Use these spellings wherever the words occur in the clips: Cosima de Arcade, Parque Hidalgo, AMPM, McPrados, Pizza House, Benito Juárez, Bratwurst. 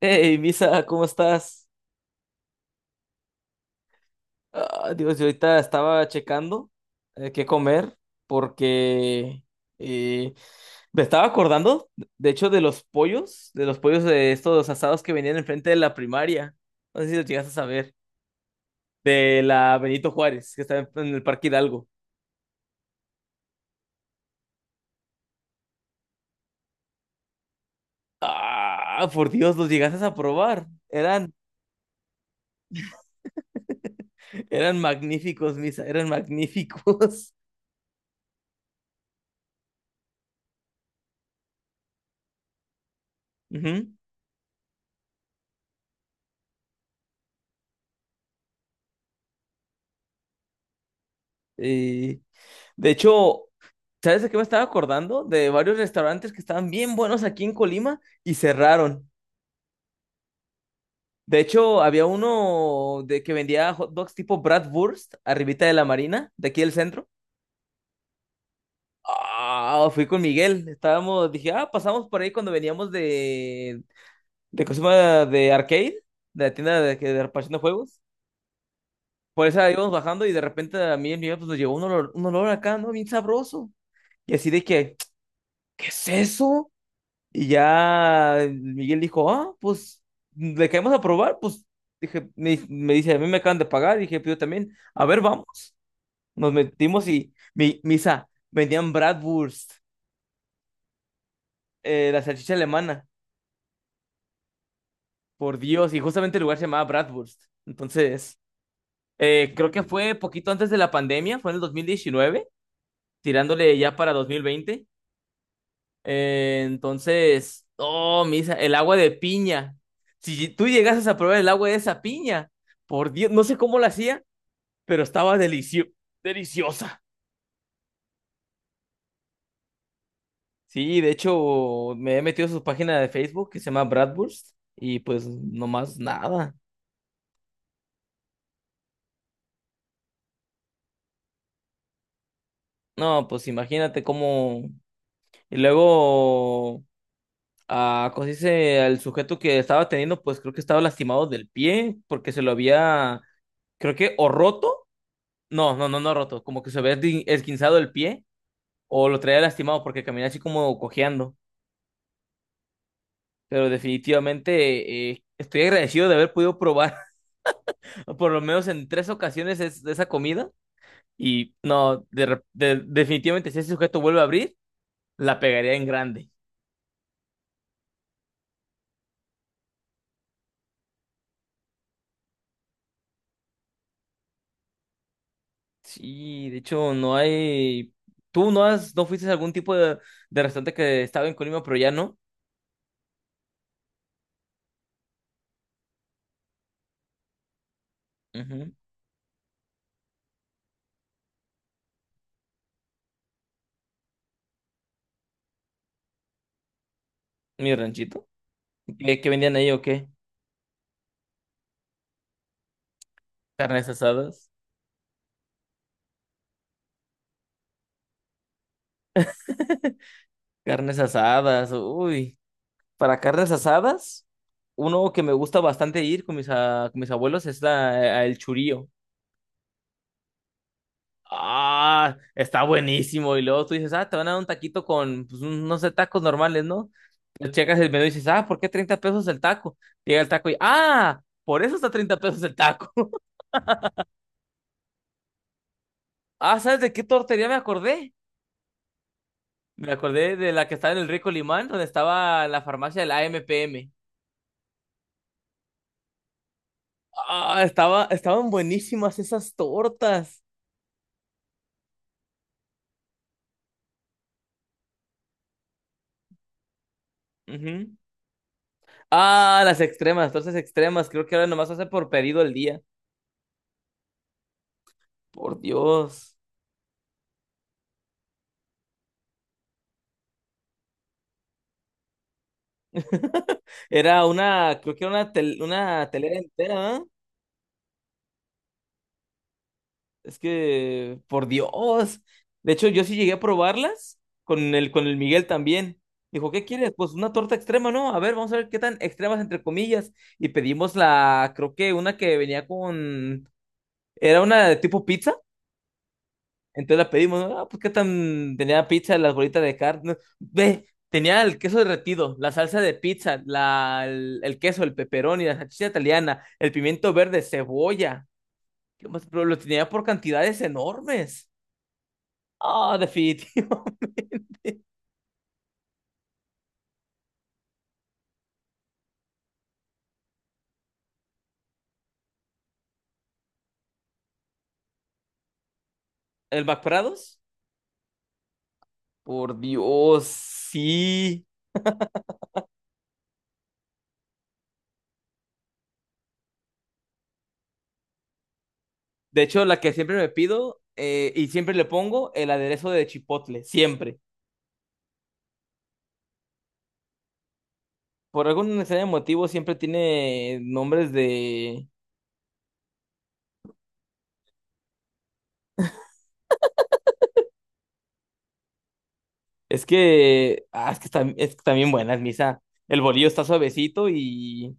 Hey, Misa, ¿cómo estás? Ah, Dios, yo ahorita estaba checando qué comer porque eh, me estaba acordando, de hecho, de los pollos, de estos asados que venían enfrente de la primaria. No sé si lo llegaste a saber, de la Benito Juárez, que está en el Parque Hidalgo. Ah, por Dios, los llegaste a probar. Eran magníficos, Misa, eran magníficos. Ujú. De hecho, ¿sabes de qué me estaba acordando? De varios restaurantes que estaban bien buenos aquí en Colima y cerraron. De hecho, había uno de que vendía hot dogs tipo Bratwurst, arribita de la Marina, de aquí del centro. Ah, fui con Miguel. Estábamos, dije, ah, pasamos por ahí cuando veníamos de Cosima de Arcade, de la tienda de, que de reparación de juegos. Por eso íbamos bajando y de repente a mí en mi pues, nos llegó un olor acá, ¿no? Bien sabroso. Y así de que, ¿qué es eso? Y ya Miguel dijo, ah, pues le caemos a probar, pues dije, me dice, a mí me acaban de pagar, dije, pues, yo también, a ver, vamos. Nos metimos y mi misa, vendían Bratwurst, la salchicha alemana, por Dios, y justamente el lugar se llamaba Bratwurst. Entonces, creo que fue poquito antes de la pandemia, fue en el 2019 tirándole ya para 2020. Entonces, oh, misa, el agua de piña. Si tú llegases a probar el agua de esa piña, por Dios, no sé cómo la hacía, pero estaba deliciosa. Sí, de hecho, me he metido a su página de Facebook que se llama Bradburst y pues nomás nada. No, pues imagínate cómo... Y luego, ah, ¿cómo se dice? El sujeto que estaba teniendo, pues creo que estaba lastimado del pie porque se lo había, creo que, o roto. No, no, no, no roto. Como que se había esguinzado el pie o lo traía lastimado porque caminaba así como cojeando. Pero definitivamente estoy agradecido de haber podido probar por lo menos en tres ocasiones esa comida. Y no, definitivamente si ese sujeto vuelve a abrir, la pegaría en grande. Sí, de hecho no hay... ¿Tú no has, no fuiste a algún tipo de restaurante que estaba en Colima, pero ya no? Ujú. Mi ranchito. ¿Qué, qué vendían ahí o qué? Carnes asadas. Carnes asadas, uy. Para carnes asadas, uno que me gusta bastante ir con mis abuelos es a el churío. Ah, está buenísimo. Y luego tú dices, ah, te van a dar un taquito con, pues, un- no sé, tacos normales, ¿no? Le Checas el menú y dices, ah, ¿por qué 30 pesos el taco? Llega el taco y, ah, por eso está 30 pesos el taco. Ah, ¿sabes de qué tortería me acordé? Me acordé de la que estaba en el Rico Limán, donde estaba la farmacia de la AMPM. Ah, estaban buenísimas esas tortas. Ujú. Ah, las extremas, tortas extremas. Creo que ahora nomás hace por pedido el día. Por Dios. Era una, creo que era una, una telera entera, ¿ah? Es que, por Dios. De hecho, yo sí llegué a probarlas con el Miguel también. Dijo, ¿qué quieres? Pues una torta extrema, ¿no? A ver, vamos a ver qué tan extremas entre comillas. Y pedimos la, creo que una que venía con, era una de tipo pizza. Entonces la pedimos, ¿no? Ah, pues qué tan tenía pizza, las bolitas de carne. No, Ve, tenía el queso derretido, la salsa de pizza, la, el queso, el pepperoni, la salchicha italiana, el pimiento verde, cebolla. ¿Qué más? Pero lo tenía por cantidades enormes. Ah, definitivo. ¿El McPrados? Por Dios, sí. De hecho, la que siempre me pido y siempre le pongo el aderezo de chipotle, siempre. Por algún extraño motivo siempre tiene nombres de... Es que, ah, es que están buenas, Misa. El bolillo está suavecito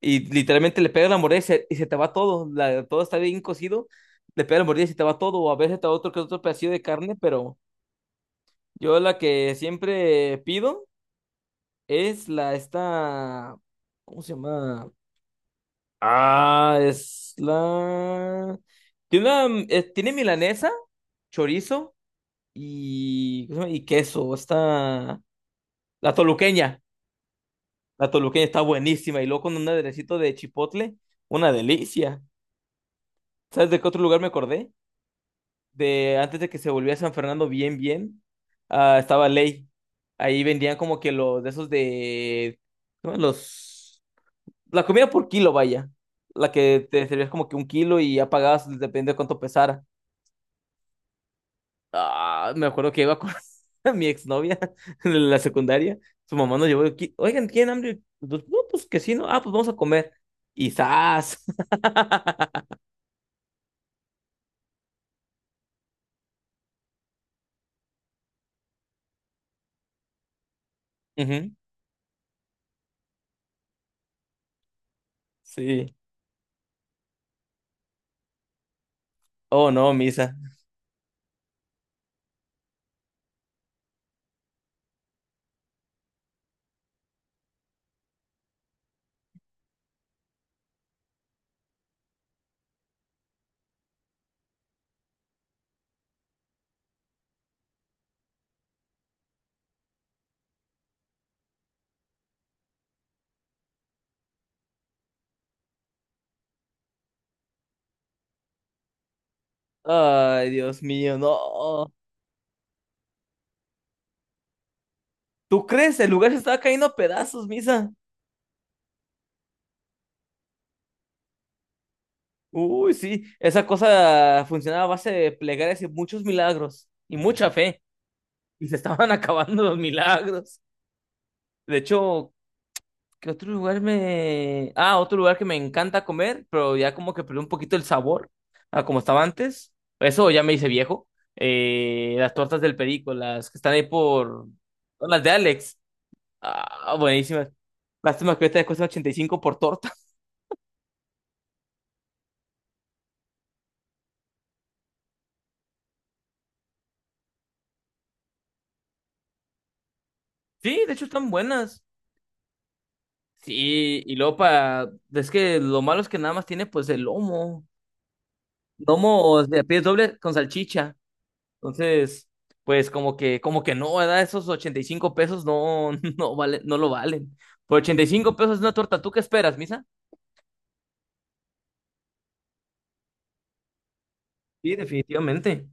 y literalmente le pega la mordida y se te va todo. La- todo está bien cocido, le pega la mordida y se te va todo. O a veces te va otro que otro pedacito de carne, pero yo la que siempre pido es la esta. ¿Cómo se llama? Ah, es la. Tiene una, tiene milanesa, chorizo y, ¿cómo se llama? Y queso. Está la toluqueña. La toluqueña está buenísima. Y luego con un aderecito de chipotle, una delicia. ¿Sabes de qué otro lugar me acordé? De antes de que se volviera San Fernando bien, bien, ah, estaba Ley. Ahí vendían como que los de esos de... ¿cómo? Los... La comida por kilo, vaya. La que te servías como que un kilo y ya pagabas, depende de cuánto pesara. Ah, me acuerdo que iba con mi exnovia en la secundaria. Su mamá nos llevó aquí. Oigan, ¿tienen hambre? Pues, no, pues que sí, ¿no? Ah, pues vamos a comer. Y ¡zas! Ujú. Sí. Oh, no, Misa. Ay, Dios mío, no. ¿Tú crees? El lugar se estaba cayendo a pedazos, Misa. Uy, sí. Esa cosa funcionaba a base de plegarias y muchos milagros. Y mucha fe. Y se estaban acabando los milagros. De hecho, ¿qué otro lugar me... Ah, otro lugar que me encanta comer, pero ya como que perdió un poquito el sabor a como estaba antes. Eso ya me hice viejo. Las tortas del Perico, las que están ahí por... Son las de Alex. Ah, buenísimas. Lástima que esta cuesta 85 por torta. Sí, de hecho están buenas. Sí, y luego para... Es que lo malo es que nada más tiene pues el lomo. Lomo de pies doble con salchicha. Entonces, pues como que no, ¿verdad? Esos 85 pesos no, no vale, no lo valen. Por 85 pesos una torta. ¿Tú qué esperas, Misa? Sí, definitivamente.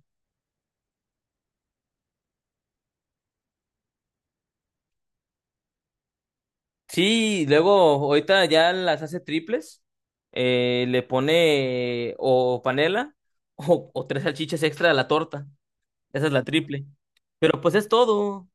Sí, luego ahorita ya las hace triples, le pone o panela o tres salchichas extra a la torta, esa es la triple. Pero pues es todo.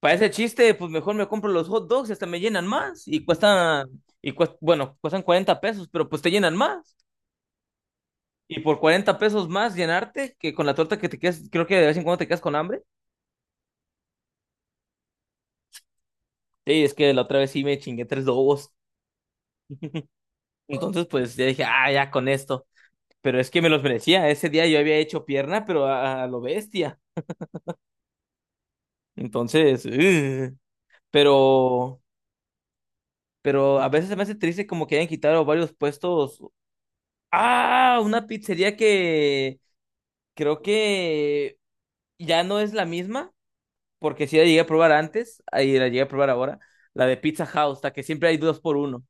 Para ese chiste, pues mejor me compro los hot dogs, hasta me llenan más y cuestan, y bueno, cuestan 40 pesos, pero pues te llenan más. Y por 40 pesos más llenarte que con la torta que te quedas, creo que de vez en cuando te quedas con hambre. Sí, es que la otra vez sí me chingué tres dogos. Entonces, pues ya dije, ah, ya con esto. Pero es que me los merecía. Ese día yo había hecho pierna, pero a lo bestia. Entonces, ugh. pero, pero a veces se me hace triste como que hayan quitado varios puestos. Ah, una pizzería que creo que ya no es la misma, porque sí la llegué a probar antes, ahí la llegué a probar ahora, la de Pizza House, la que siempre hay dos por uno.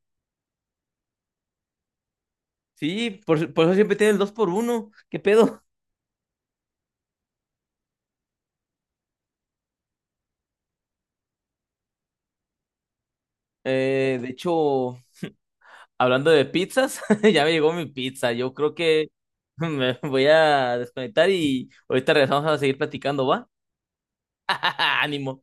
Sí, por eso siempre tienen el dos por uno. ¿Qué pedo? De hecho, hablando de pizzas, ya me llegó mi pizza. Yo creo que me voy a desconectar y ahorita regresamos a seguir platicando, ¿va? Ánimo.